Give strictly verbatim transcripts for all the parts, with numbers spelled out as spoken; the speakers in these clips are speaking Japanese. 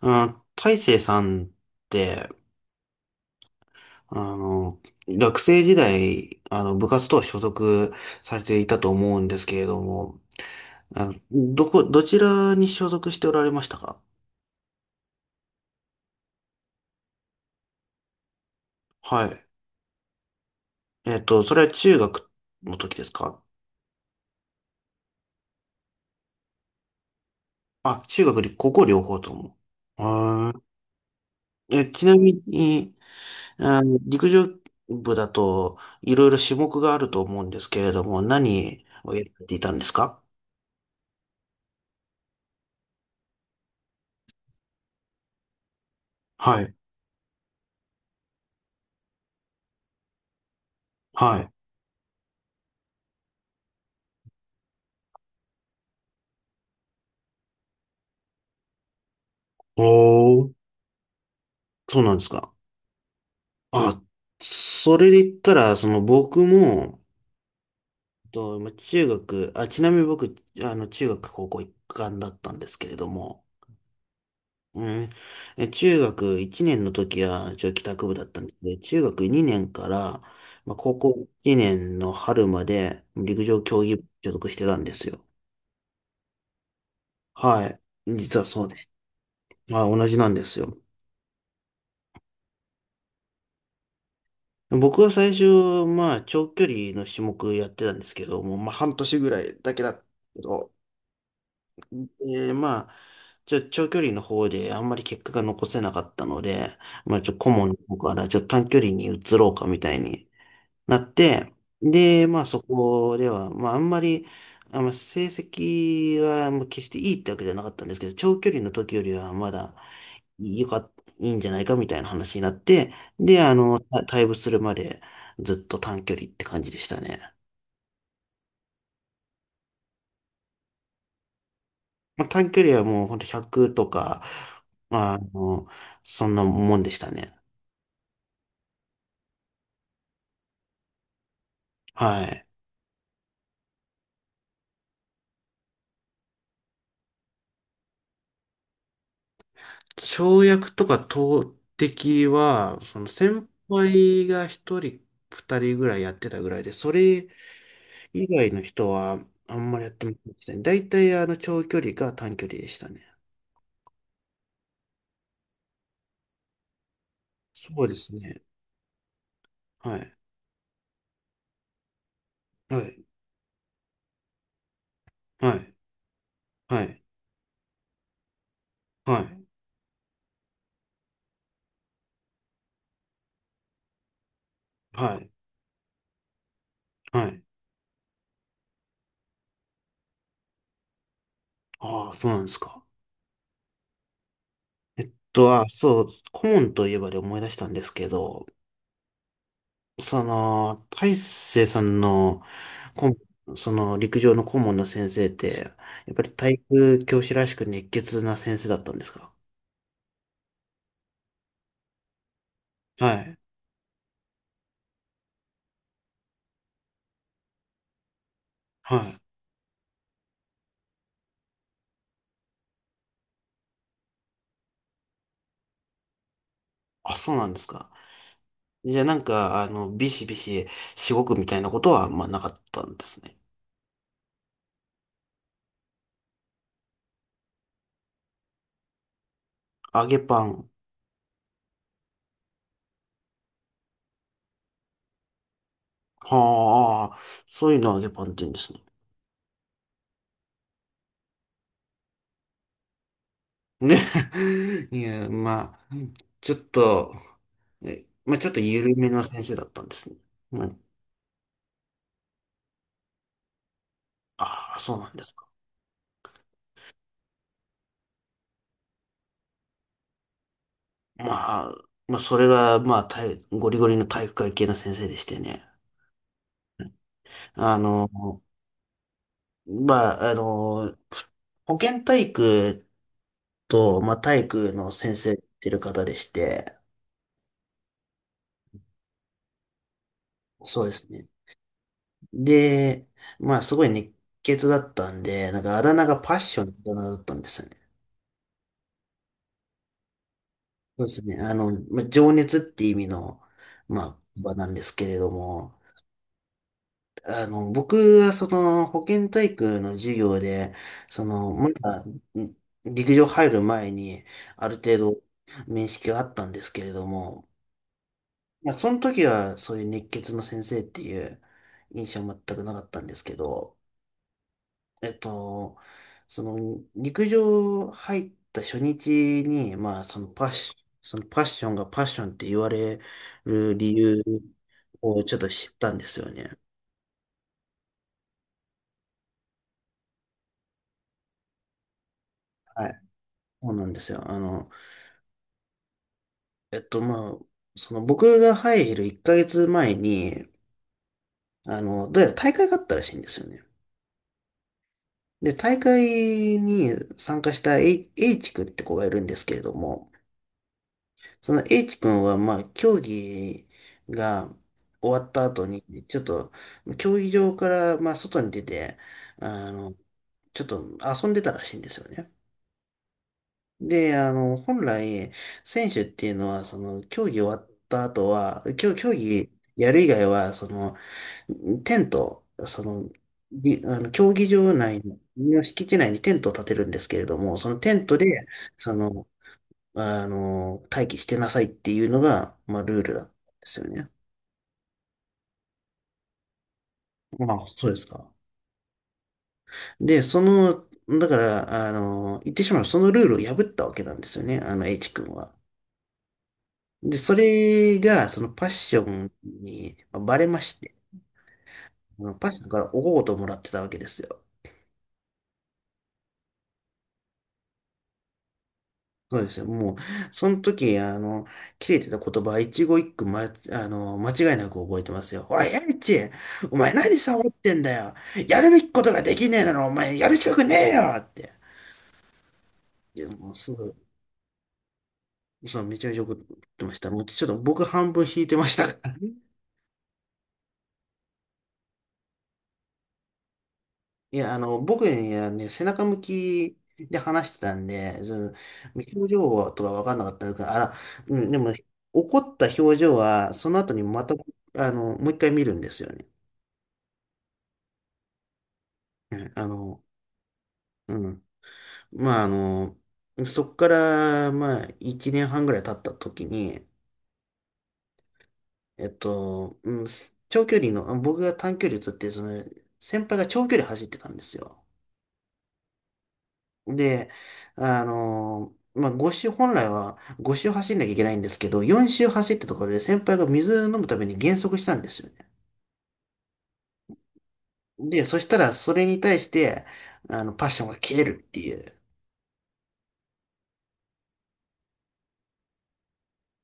あ、大成さんって、あの、学生時代、あの、部活と所属されていたと思うんですけれども、あの、どこ、どちらに所属しておられましたか？はい。えっと、それは中学の時ですか？あ、中学り、高校両方とも。はいえ、ちなみに、あの、陸上部だと、いろいろ種目があると思うんですけれども、何をやっていたんですか？はい。はい。おー。そうなんですか。あ、それで言ったら、その僕も、と、まあ中学、あ、ちなみに僕、あの、中学高校一貫だったんですけれども、うん、え中学いちねんの時は、一応帰宅部だったんですけど、中学にねんから、まあ、高校いちねんの春まで陸上競技部に所属してたんですよ。はい。実はそうで。あ、同じなんですよ。僕は最初、まあ、長距離の種目やってたんですけども、まあ、半年ぐらいだけだった。けど、えまあ、ちょ、長距離の方であんまり結果が残せなかったので、まあ、ちょ、顧問の方から、ちょ、短距離に移ろうかみたいになって、で、まあ、そこでは、まあ、あんまり、あ、まあ、成績はもう決していいってわけじゃなかったんですけど、長距離の時よりはまだよかっ、いいんじゃないかみたいな話になって、で、あの、た退部するまでずっと短距離って感じでしたね。まあ、短距離はもうほんとひゃくとか、まあ、あの、そんなもんでしたね。はい。跳躍とか投擲は、その先輩がひとり、ふたりぐらいやってたぐらいで、それ以外の人はあんまりやってませんでしたね。大体あの長距離か短距離でしたね。そうですね。はい。はい。はい。はい。はい。はい。はい。ああ、そうなんですか。えっと、あ、そう、顧問といえばで思い出したんですけど、その、大成さんの、顧その陸上の顧問の先生って、やっぱり体育教師らしく熱血な先生だったんですか？はい。はい。あ、そうなんですか。じゃあなんか、あの、ビシビシしごくみたいなことは、まあなかったんですね。揚げパン。はあ、そういうのを揚げパンって言うんですね。ね。いや、まあ、ちょっと、えまあちょっと緩めの先生だったんですね。まあ、ああ、そうなんです。まあ、まあ、それが、まあ、体ゴリゴリの体育会系の先生でしてね。あの、まあ、あの、ふ保健体育と、まあ、体育の先生やってる方でして、そうですね。で、まあ、すごい熱血だったんで、なんかあだ名がパッションってあだ名だったんですよね。そうですね。あの、まあ、情熱って意味の、まあ、場なんですけれども、あの、僕はその保健体育の授業で、その、まだん陸上入る前にある程度面識はあったんですけれども、まあ、その時はそういう熱血の先生っていう印象は全くなかったんですけど、えっと、その陸上入った初日に、まあそのパッシ、そのパッションがパッションって言われる理由をちょっと知ったんですよね。はい。そうなんですよ。あの、えっと、まあ、その僕が入るいっかげつまえに、あの、どうやら大会があったらしいんですよね。で、大会に参加した H, H 君って子がいるんですけれども、その H 君は、まあ、競技が終わった後に、ちょっと、競技場から、まあ、外に出て、あの、ちょっと遊んでたらしいんですよね。で、あの、本来、選手っていうのは、その、競技終わった後は、競、競技やる以外は、その、テント、その、に、あの、競技場内の敷地内にテントを建てるんですけれども、そのテントで、その、あの、待機してなさいっていうのが、まあ、ルールだったんですよね。まあ、そうですか。で、その、だから、あの、言ってしまう、そのルールを破ったわけなんですよね、あの、H 君は。で、それが、そのパッションにまあバレまして、あのパッションからおごごとをもらってたわけですよ。そうですよ。もう、その時、あの、切れてた言葉、一語一句、ま、あの、間違いなく覚えてますよ。おい、エリチ、お前何サボってんだよ。やるべきことができねえなら、お前やる資格ねえよって。いや、もうすぐ、そう、めちゃめちゃ怒ってました。もうちょっと僕半分引いてましたからね。いや、あの、僕にはね、背中向きで話してたんで、その、表情とかわかんなかったから、あら、うん、でも、怒った表情は、その後にまた、あの、もう一回見るんですよね。ねあの、うん。まあ、あの、そっから、まあ、いちねんはんぐらい経った時に、えっと、うん、長距離の、僕が短距離移って、その、先輩が長距離走ってたんですよ。で、あの、まあ、ご周、本来はご周走んなきゃいけないんですけど、よん周走ったところで先輩が水飲むために減速したんですよね。で、そしたら、それに対して、あの、パッションが切れるっていう。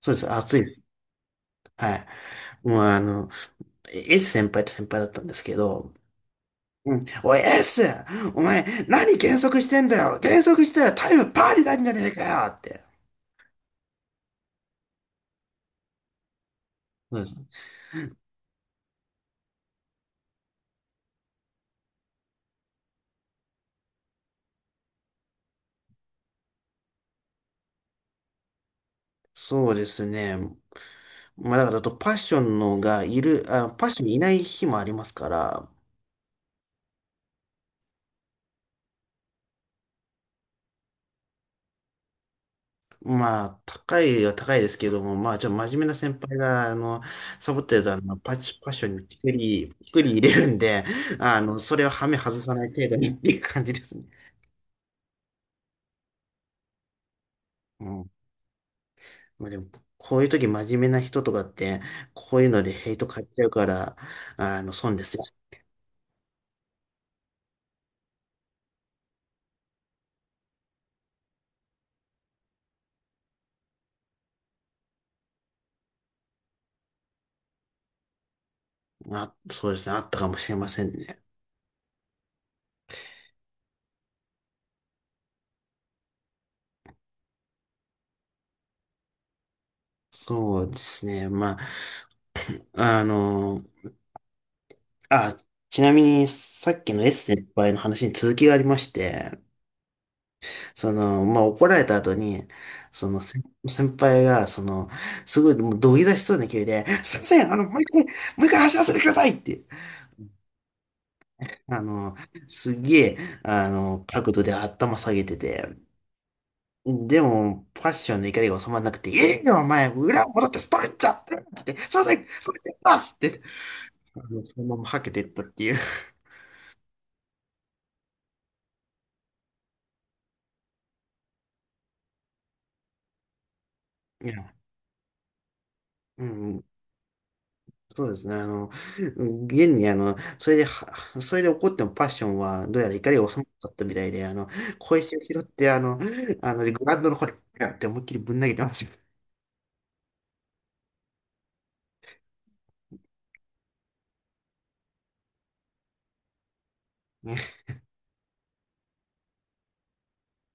そうです。熱いです。はい。もうあの、S 先輩って先輩だったんですけど、うん。おい S！ お前、何減速してんだよ減速したらタイムパーになるんじゃねえかよって。そうです。そうですね。まあだからあとパッションのがいる、あ、パッションいない日もありますから、まあ高いは高いですけども、まあちょっと真面目な先輩が、あの、サボってるとあの、パッチ、パッションにピクリ、ピクリ入れるんで、あの、それをはめ外さない程度にっていう感じですね。うん。まあでも、こういう時真面目な人とかって、こういうのでヘイト買っちゃうから、あの、損ですよ。あ、そうですね。あったかもしれませんね。そうですね。まあ、あの、あ、ちなみに、さっきの S 先輩の話に続きがありまして、その、まあ、怒られた後に、その、先先輩が、その、すごい、もう土下座しそうな勢いで、すいません、あの、もう一回、もう一回走らせてくださいって、あの、すっげえ、あの、角度で頭下げてて、でも、パッションの怒りが収まらなくて、いいよ、お前、裏を戻ってストレッチャーって言って、すいません、ストレッチャーますってあのそのままはけてったっていう。いや、うん、そうですね。あの、現に、あの、それでは、それで怒ってもパッションは、どうやら怒りが収まらなかったみたいで、あの、小石を拾って、あの、あの、グラウンドの方に、ピュンって思いっきりぶん投げてました。